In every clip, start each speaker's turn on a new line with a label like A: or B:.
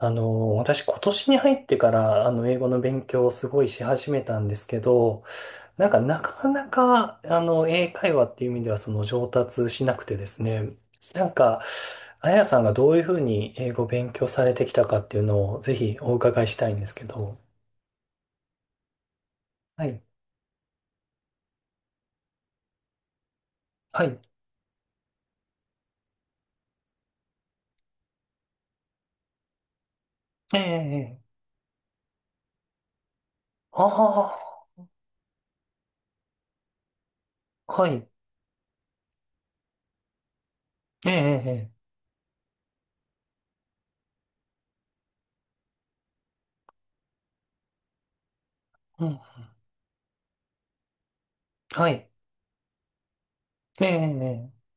A: 私今年に入ってから、英語の勉強をすごいし始めたんですけど、なんかなかなか、英会話っていう意味ではその上達しなくてですね、なんか、あやさんがどういうふうに英語を勉強されてきたかっていうのをぜひお伺いしたいんですけど。はい。はい。ええ、ええ。ああ、はい。ええ、ええ、うん。はい。ええ、え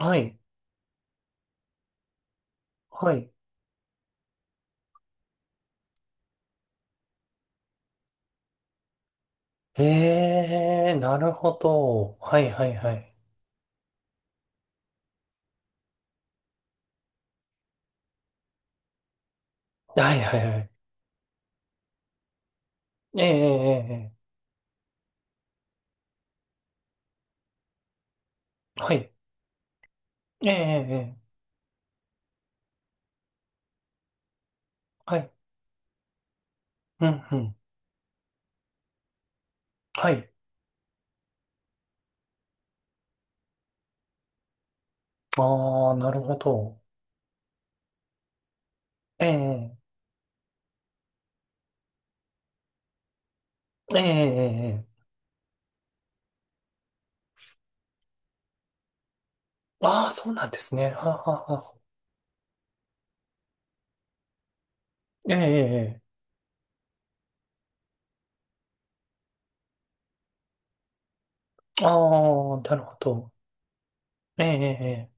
A: え、はい。はい。ええ、なるほど。はい、はい、はい。はいはいはい。ええ、ええ、ええ、はい。ええ、ええ、ええ、はい。うん、うん。はい。ああ、なるほど。ええ、ええ、ええ、ええ、ああー、そうなんですね。はあはあはあ、ええ、ええ、ええ、ああ、なるほど。ええ、ええ、ええ、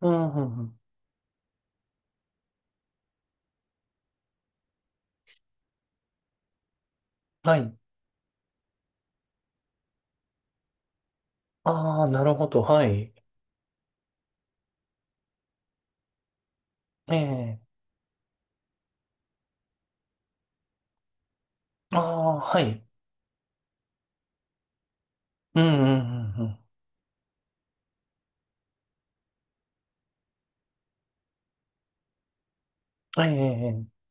A: うん、うん、うん。はい。ああ、なるほど。はい。ええ、ああ、はい。うん、うん、うん、うん。ええ、ええ、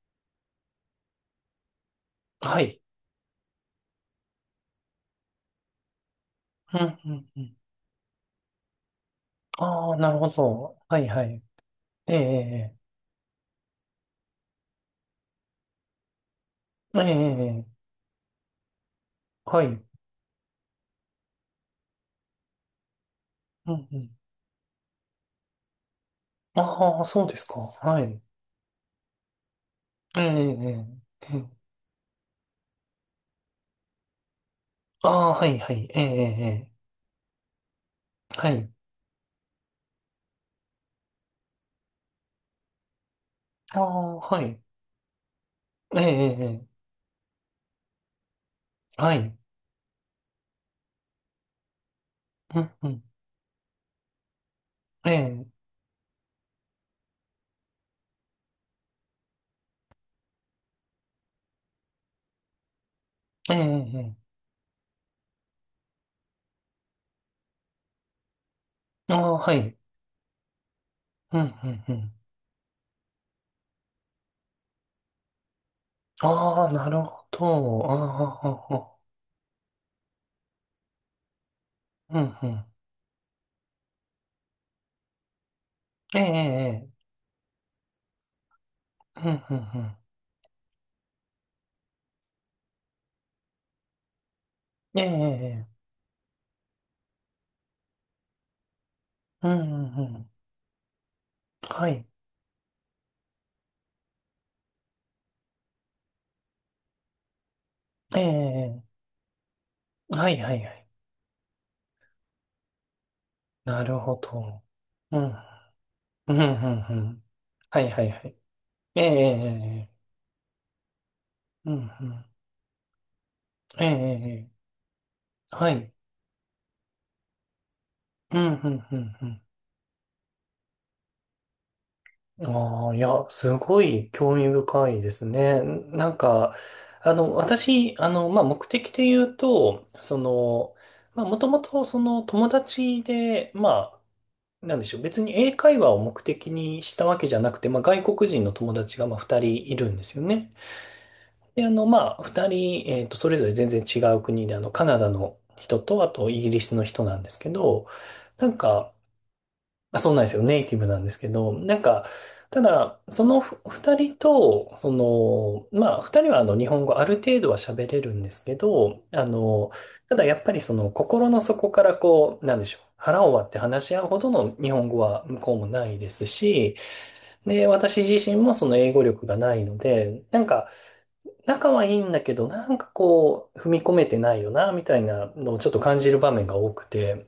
A: はい。うん、うん、うん。ああ、なるほど。はい、はい。ええ、ええ、ええ、ええ、ええ、はい。うんうん。ああ、そうですか。はい。ええ、ええ、ええ。ああ、はい、はい。ええ、ええ、ええ、はい。ああ、はい。ええ、ええ、ええ、はい。うん、うん。ええ、ええ、ええ。ああ、はい。うん、うん、うん。ああ、なるほど。ああ、うん、うん。ええ、ええ、ええ、うん、うん、うん。ええ、ええ、ええ、うん、うん、うん。はい。ええ、ええ、はい、はい、はい。なるほど。うん、うん、うん、うん。はい、はい、はい。ええ、ええ、ええ、うん、うん。ええ、ええ、はい。うん、うん、うん、うん。ああ、いや、すごい興味深いですね。なんか、私、まあ、目的で言うと、その、まあ、もともと、その、友達で、まあ、なんでしょう、別に英会話を目的にしたわけじゃなくて、まあ、外国人の友達が、まあ、二人いるんですよね。で、まあ、二人、それぞれ全然違う国で、カナダの人と、あと、イギリスの人なんですけど、なんか、まあ、そうなんですよ。ネイティブなんですけど、なんか、ただ、その二人と、その、まあ、二人は日本語ある程度は喋れるんですけど、ただやっぱりその、心の底からこう、なんでしょう。腹を割って話し合うほどの日本語は向こうもないですし、で、私自身もその英語力がないので、なんか、仲はいいんだけど、なんかこう、踏み込めてないよな、みたいなのをちょっと感じる場面が多くて、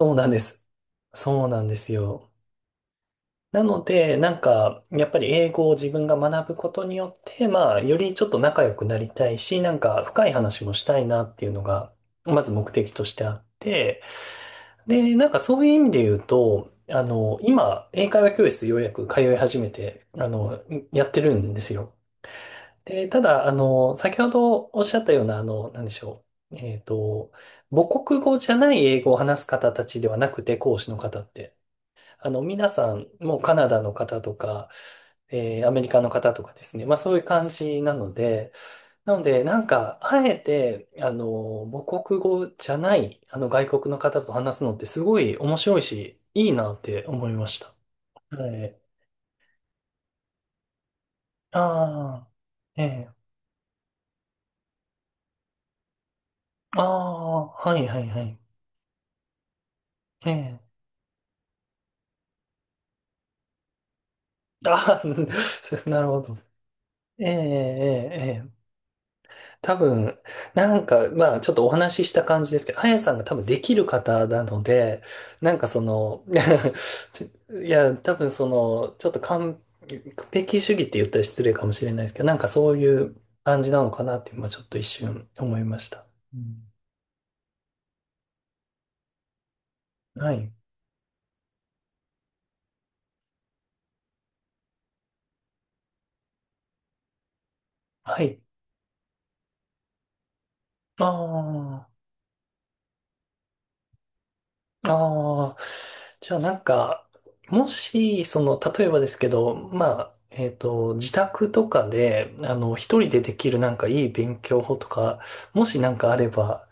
A: そうなんです。そうなんですよ。なので、なんか、やっぱり英語を自分が学ぶことによって、まあ、よりちょっと仲良くなりたいし、なんか深い話もしたいなっていうのが、まず目的としてあって、で、なんかそういう意味で言うと、今、英会話教室ようやく通い始めて、やってるんですよ。で、ただ、先ほどおっしゃったような、なんでしょう。母国語じゃない英語を話す方たちではなくて、講師の方って。皆さん、もうカナダの方とか、アメリカの方とかですね。まあそういう感じなので、なので、なんか、あえて、母国語じゃない、外国の方と話すのってすごい面白いし、いいなって思いました。はい。ああ、ええ、ああ、はいはいはい。ええ、ああ、なるほど。ええ、ええ、ええ、多分、なんか、まあ、ちょっとお話しした感じですけど、あやさんが多分できる方なので、なんかその、ちいや、多分その、ちょっと完璧主義って言ったら失礼かもしれないですけど、なんかそういう感じなのかなって、今ちょっと一瞬思いました。うん、はい。はい。ああ。ああ、じゃあなんか、もし、その、例えばですけど、まあ、自宅とかで、一人でできるなんかいい勉強法とか、もしなんかあれば、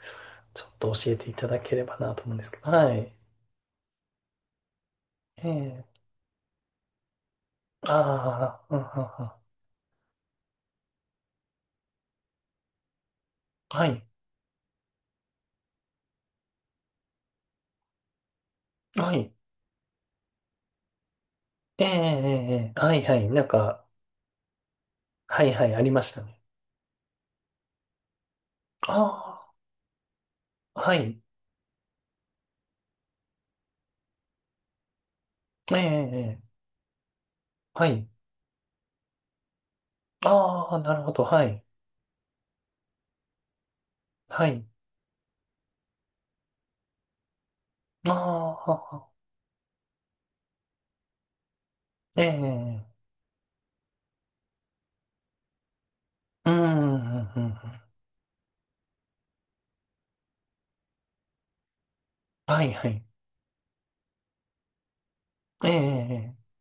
A: ちょっと教えていただければなと思うんですけど。はい。ええ。ああ、うん、うんうん、はい。はい。ええ、ええ、ええ、はい、はい。なんか、はい、はい、ありましたね。ああ、はい。ええ、ええ、ええ、はい。ああ、なるほど。はい。はい。ああ、ええ、ええ、うんうんうんうん。はいはい。ええ、ええ、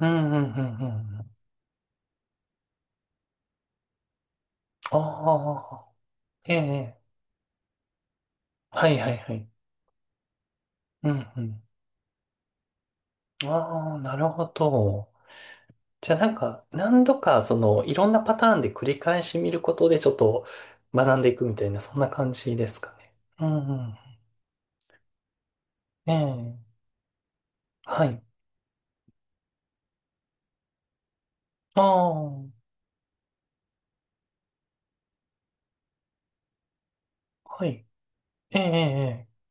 A: うんうんうんうん。ああ、ええ、はいはいはい。うんうん。ああ、なるほど。じゃあなんか、何度か、その、いろんなパターンで繰り返し見ることで、ちょっと学んでいくみたいな、そんな感じですかね。うんうん。ええ、はい。ああ、はい。ええ、ええ、ええ、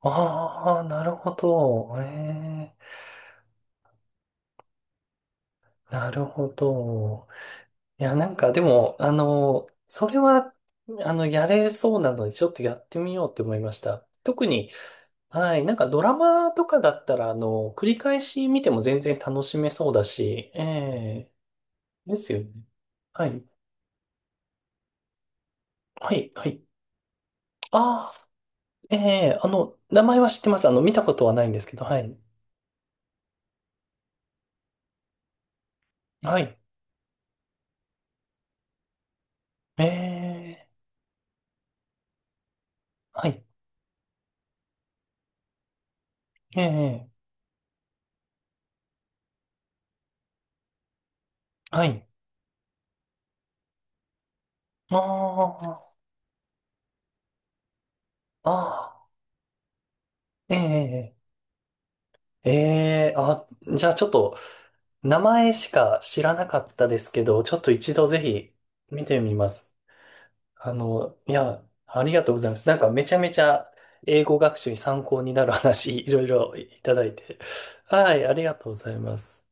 A: ああ、なるほど。ええ、なるほど。いや、なんかでも、それは、やれそうなので、ちょっとやってみようって思いました。特に、はい、なんかドラマとかだったら、繰り返し見ても全然楽しめそうだし、ええ、ですよね。はい、はい、はい。ああ、ええ、名前は知ってます。見たことはないんですけど、はい。はい、ええ、はい、ええ、はい。ああ、ああ、ええ、ええ、あ、じゃあちょっと、名前しか知らなかったですけど、ちょっと一度ぜひ見てみます。いや、ありがとうございます。なんかめちゃめちゃ英語学習に参考になる話、いろいろいただいて。はい、ありがとうございます。